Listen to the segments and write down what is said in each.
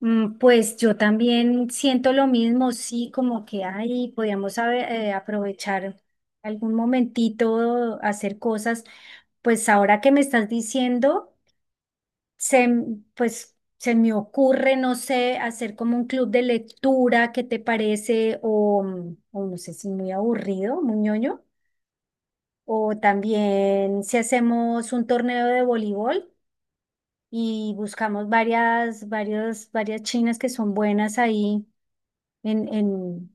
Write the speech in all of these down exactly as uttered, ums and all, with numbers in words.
Mm, Pues yo también siento lo mismo, sí, como que ahí podíamos haber, eh, aprovechar algún momentito, hacer cosas. Pues ahora que me estás diciendo, se, m- pues se me ocurre, no sé, hacer como un club de lectura, ¿qué te parece? O, mm, o no sé si muy aburrido, muy ñoño. O también si hacemos un torneo de voleibol y buscamos varias, varias, varias chinas que son buenas ahí en, en,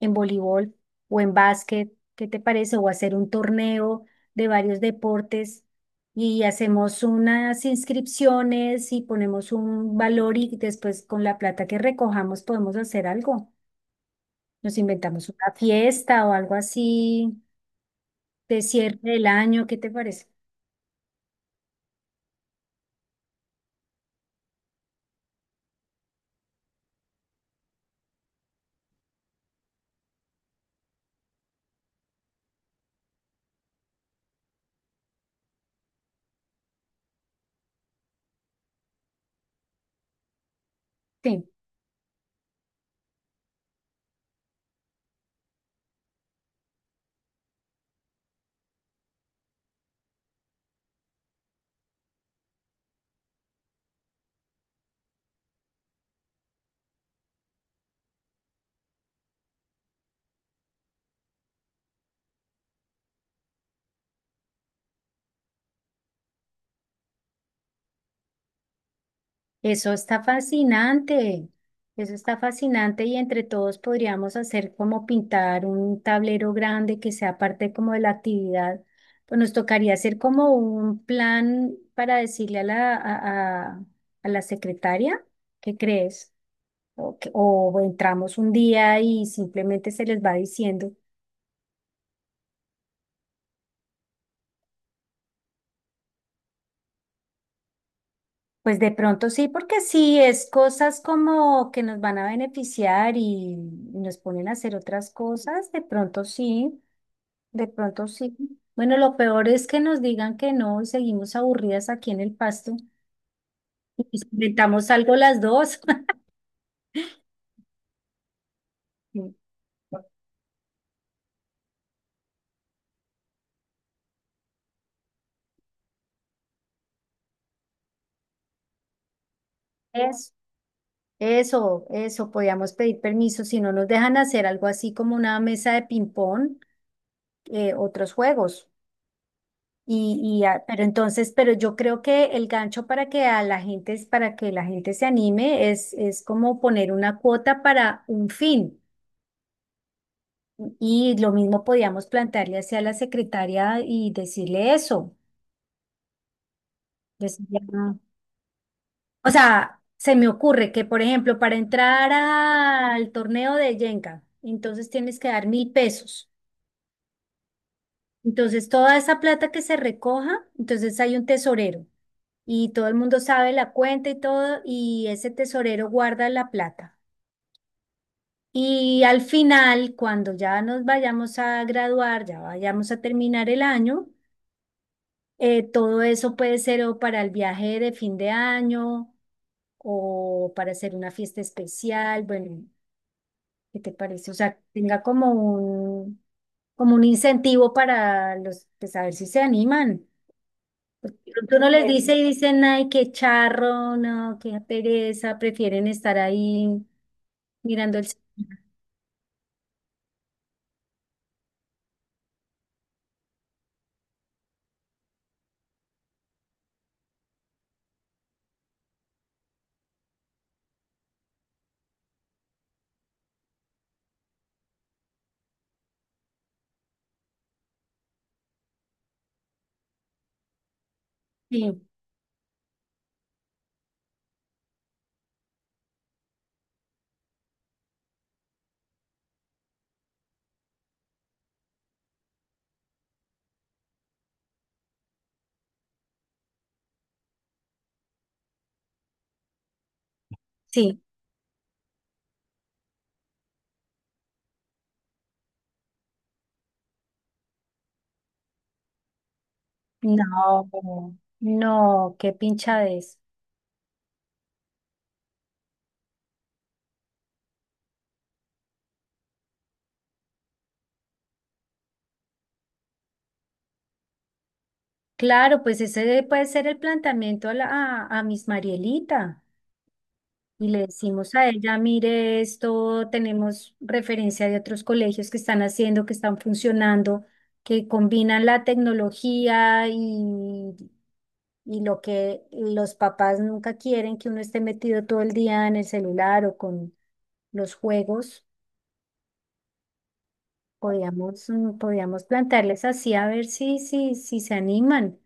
en voleibol o en básquet, ¿qué te parece? O hacer un torneo de varios deportes y hacemos unas inscripciones y ponemos un valor y después con la plata que recojamos podemos hacer algo. Nos inventamos una fiesta o algo así de cierre del año, ¿qué te parece? Sí. Eso está fascinante, eso está fascinante y entre todos podríamos hacer como pintar un tablero grande que sea parte como de la actividad. Pues nos tocaría hacer como un plan para decirle a la, a, a- a la secretaria, ¿qué crees? O, que- o entramos un día y simplemente se les va diciendo. Pues de pronto sí, porque sí, es cosas como que nos van a beneficiar y nos ponen a hacer otras cosas, de pronto sí. De pronto sí. Bueno, lo peor es que nos digan que no y seguimos aburridas aquí en el pasto y nos inventamos algo las dos. Sí. Eso, eso, eso, podíamos pedir permiso si no nos dejan hacer algo así como una mesa de ping-pong, eh, otros juegos. Y, y a- pero entonces, pero yo creo que el gancho para que a la gente, para que la gente se anime es, es como poner una cuota para un fin. Y lo mismo podíamos plantearle hacia la secretaria y decirle eso. Entonces, no. O sea, se me ocurre que, por ejemplo, para entrar al torneo de Jenga, entonces tienes que dar mil pesos. Entonces, toda esa plata que se recoja, entonces hay un tesorero y todo el mundo sabe la cuenta y todo, y ese tesorero guarda la plata. Y al final, cuando ya nos vayamos a graduar, ya vayamos a terminar el año, eh, todo eso puede ser o para el viaje de fin de año o para hacer una fiesta especial, bueno, ¿qué te parece? O sea, que tenga como un, como un incentivo para los, pues a ver si se animan. De pronto uno les bueno, dice y dicen, ay, qué charro, no, qué pereza, prefieren estar ahí mirando el... Sí, sí, no, no, qué pinchadez. Claro, pues ese puede ser el planteamiento a, la, a, a Miss Marielita. Y le decimos a ella, mire, esto tenemos referencia de otros colegios que están haciendo, que están funcionando, que combinan la tecnología y, y lo que los papás nunca quieren, que uno esté metido todo el día en el celular o con los juegos. Podíamos, mm, podíamos plantearles así a ver si, si, si se animan.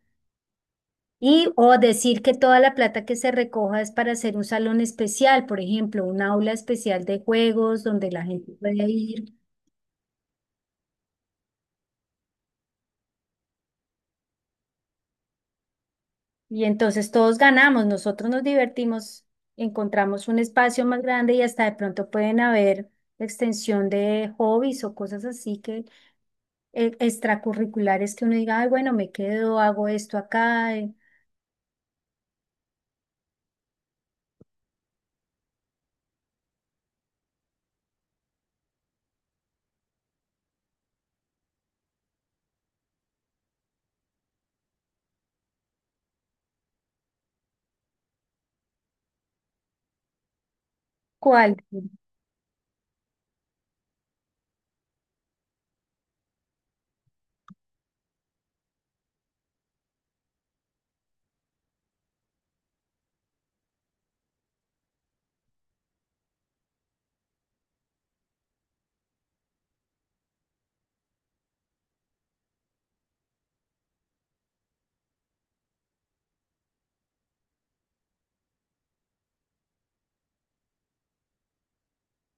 Y o decir que toda la plata que se recoja es para hacer un salón especial, por ejemplo, un aula especial de juegos donde la gente puede ir. Y entonces todos ganamos, nosotros nos divertimos, encontramos un espacio más grande y hasta de pronto pueden haber extensión de hobbies o cosas así que eh, extracurriculares que uno diga, ay, bueno, me quedo, hago esto acá. eh, ¿Cuál?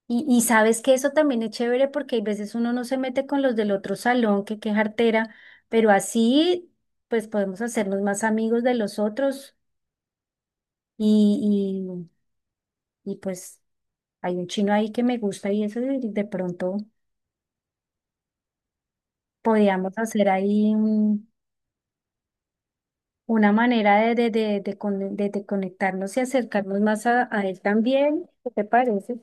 Y, y sabes que eso también es chévere porque hay veces uno no se mete con los del otro salón, que qué jartera, pero así pues podemos hacernos más amigos de los otros y, y, y, pues hay un chino ahí que me gusta y eso de, de pronto podíamos hacer ahí un- una manera de, de, de, de con- de- de conectarnos y acercarnos más a, a, él también. ¿Qué te parece?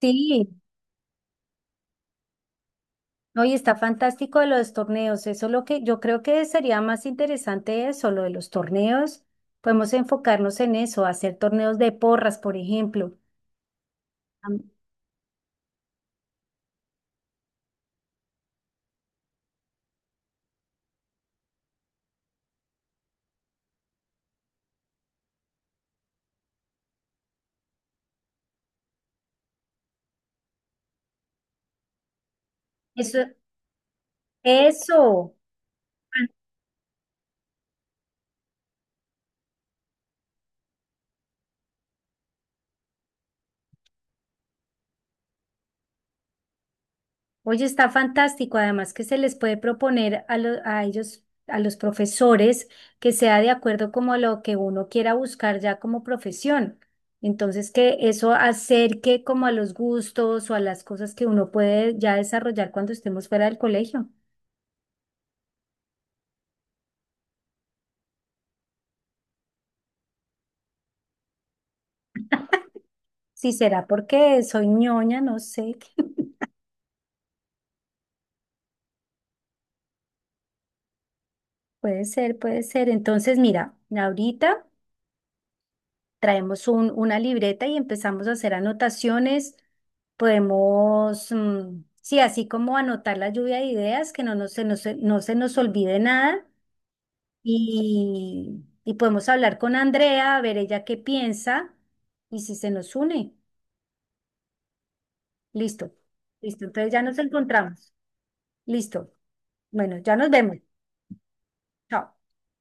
Sí. No, y está fantástico lo de los torneos. Eso es lo que yo creo que sería más interesante eso, lo de los torneos. Podemos enfocarnos en eso, hacer torneos de porras, por ejemplo. Am- Eso, eso. Oye, está fantástico. Además que se les puede proponer a, lo- a ellos, a los profesores, que sea de acuerdo como a lo que uno quiera buscar ya como profesión. Entonces, que eso acerque como a los gustos o a las cosas que uno puede ya desarrollar cuando estemos fuera del colegio. Si será porque soy ñoña, no sé. Puede ser, puede ser. Entonces, mira, ahorita traemos un- una libreta y empezamos a hacer anotaciones. Podemos, mm, sí, así como anotar la lluvia de ideas, que no, nos- se, nos, no se nos olvide nada. Y, y podemos hablar con Andrea, a ver ella qué piensa y si se nos une. Listo, listo. Entonces ya nos encontramos. Listo. Bueno, ya nos vemos. Chao.